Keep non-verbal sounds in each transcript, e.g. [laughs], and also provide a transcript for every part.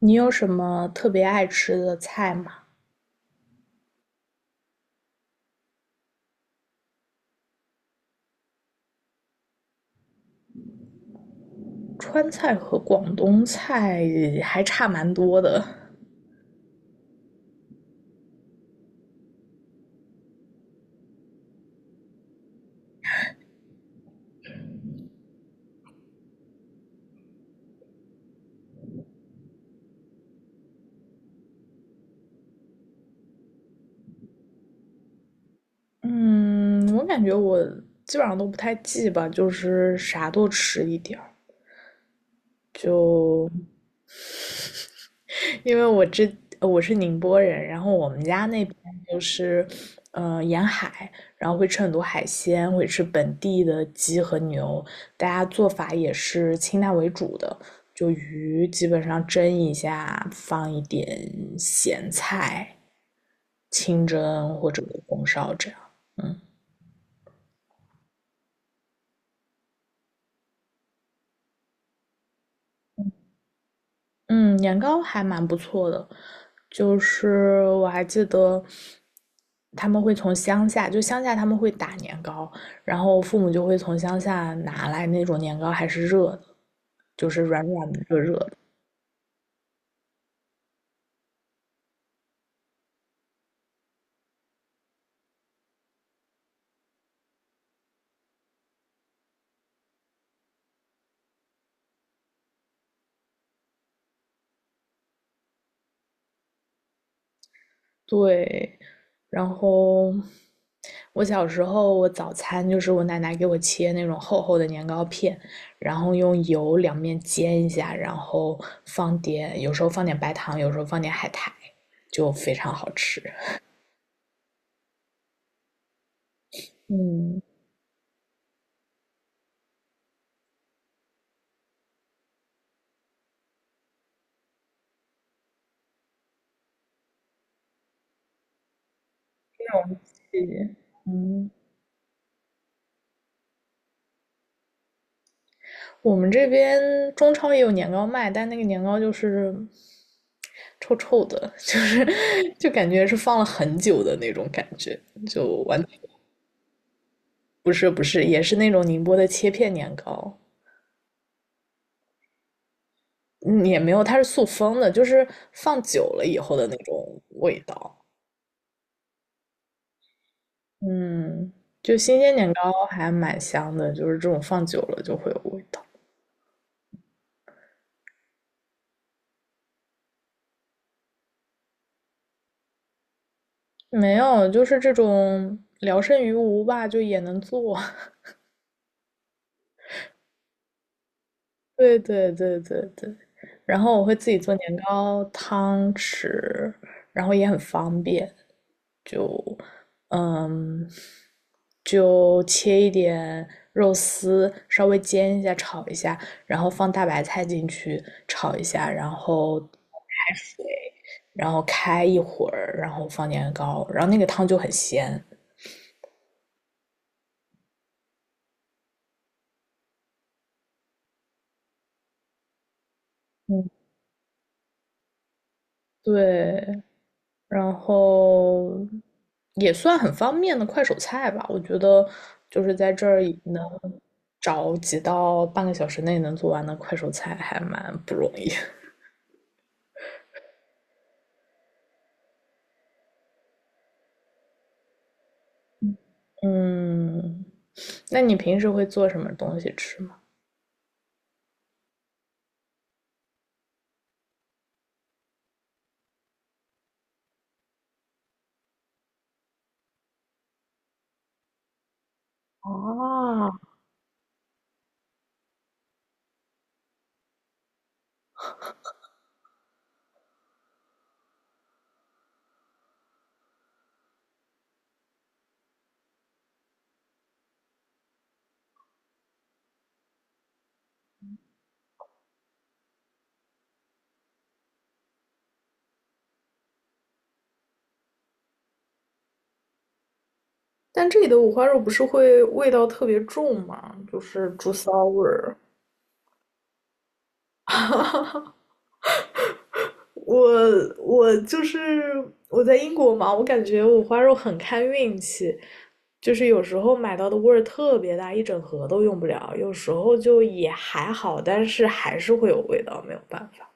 你有什么特别爱吃的菜吗？川菜和广东菜还差蛮多的。嗯，我感觉我基本上都不太记吧，就是啥都吃一点儿。就因为我之呃我是宁波人，然后我们家那边就是沿海，然后会吃很多海鲜，会吃本地的鸡和牛，大家做法也是清淡为主的，就鱼基本上蒸一下，放一点咸菜，清蒸或者红烧这样，嗯。嗯，年糕还蛮不错的，就是我还记得他们会从乡下，就乡下他们会打年糕，然后父母就会从乡下拿来那种年糕，还是热的，就是软软的、热热的。对，然后我小时候我早餐就是我奶奶给我切那种厚厚的年糕片，然后用油两面煎一下，然后放点，有时候放点白糖，有时候放点海苔，就非常好吃。嗯，谢谢。嗯，我们这边中超也有年糕卖，但那个年糕就是臭臭的，就是 [laughs] 就感觉是放了很久的那种感觉，就完全不是，也是那种宁波的切片年糕，嗯也没有，它是塑封的，就是放久了以后的那种味道。嗯，就新鲜年糕还蛮香的，就是这种放久了就会有味道。没有，就是这种聊胜于无吧，就也能做。[laughs] 对对对对对，然后我会自己做年糕汤吃，然后也很方便，就嗯，就切一点肉丝，稍微煎一下，炒一下，然后放大白菜进去炒一下，然后开一会儿，然后放年糕，然后那个汤就很鲜。嗯，对，然后也算很方便的快手菜吧。我觉得就是在这儿能找几道半个小时内能做完的快手菜，还蛮不容易。[laughs] 嗯，那你平时会做什么东西吃吗？啊，但这里的五花肉不是会味道特别重吗？就是猪骚味儿。我我就是我在英国嘛，我感觉五花肉很看运气，就是有时候买到的味儿特别大，一整盒都用不了，有时候就也还好，但是还是会有味道，没有办法。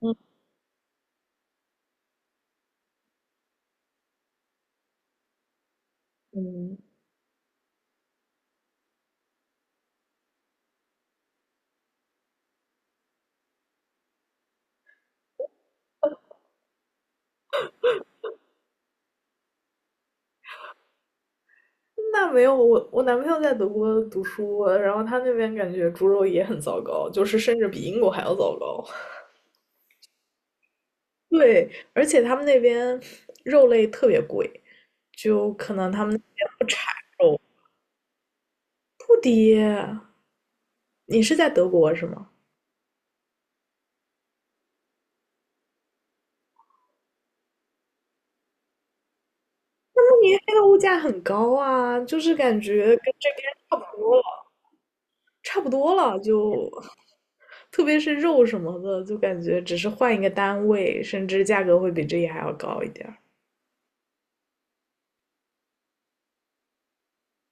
嗯嗯，那没有，我男朋友在德国读书，然后他那边感觉猪肉也很糟糕，就是甚至比英国还要糟糕。[laughs] 对，而且他们那边肉类特别贵，就可能他们不低。你是在德国是吗？慕尼黑的物价很高啊，就是感觉跟这边差不多了，差不多了就，[laughs] 特别是肉什么的，就感觉只是换一个单位，甚至价格会比这里还要高一点儿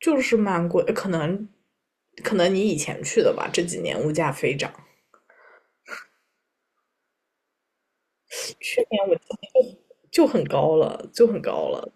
就是蛮贵，可能你以前去的吧，这几年物价飞涨，去年我就很高了，就很高了，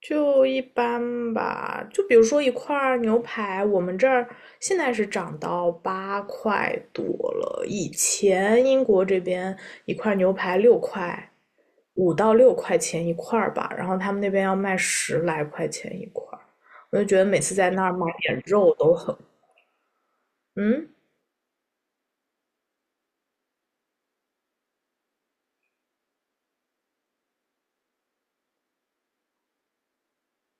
就一般吧，就比如说一块儿牛排，我们这儿现在是涨到八块多了，以前英国这边一块牛排六块，五到六块钱一块儿吧，然后他们那边要卖十来块钱一块儿，我就觉得每次在那儿买点肉都很，嗯，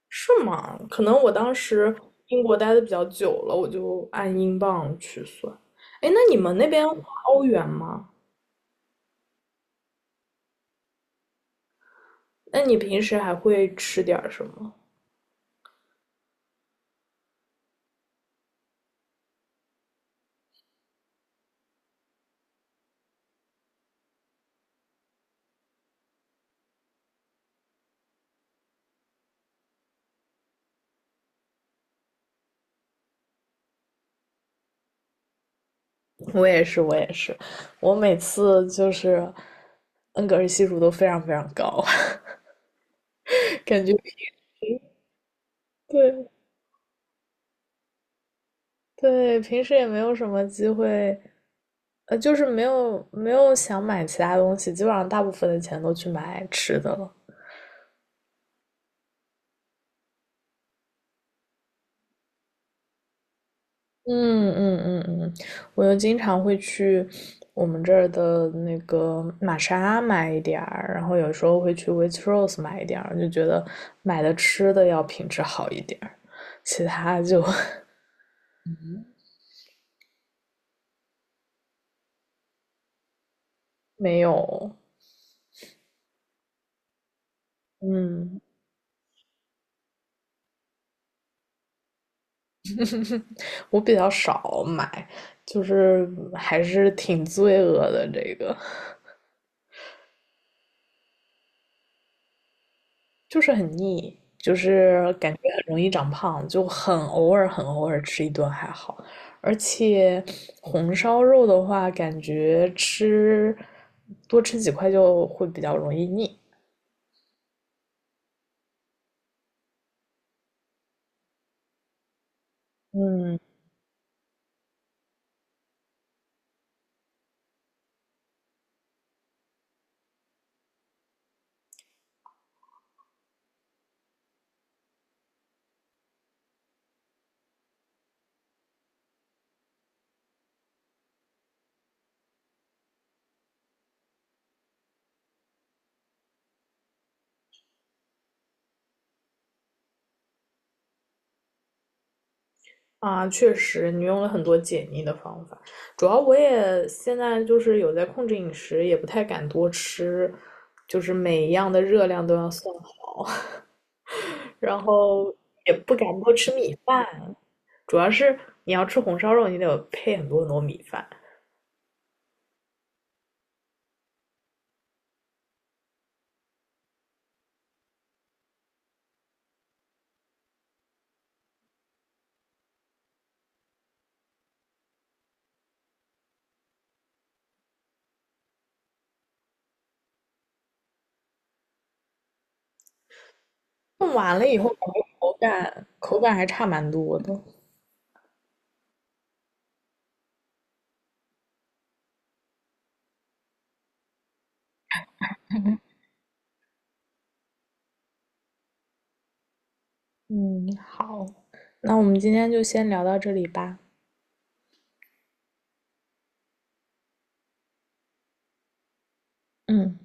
是吗？可能我当时英国待的比较久了，我就按英镑去算。哎，那你们那边花欧元吗？那你平时还会吃点儿什么？我也是，我也是，我每次就是恩格尔系数都非常非常高，[laughs] 感觉对对，平时也没有什么机会，就是没有想买其他东西，基本上大部分的钱都去买吃的了。嗯嗯嗯嗯，我又经常会去我们这儿的那个玛莎买一点儿，然后有时候会去 Waitrose 买一点儿，就觉得买的吃的要品质好一点儿，其他就 [laughs] 没有。嗯，我比较少买，就是还是挺罪恶的这个。就是很腻，就是感觉很容易长胖，就很偶尔很偶尔吃一顿还好。而且红烧肉的话，感觉吃多吃几块就会比较容易腻。嗯啊，确实，你用了很多解腻的方法。主要我也现在就是有在控制饮食，也不太敢多吃，就是每一样的热量都要算好，然后也不敢多吃米饭，主要是你要吃红烧肉，你得配很多很多米饭，弄完了以后口感还差蛮多的。嗯，好，那我们今天就先聊到这里吧。嗯。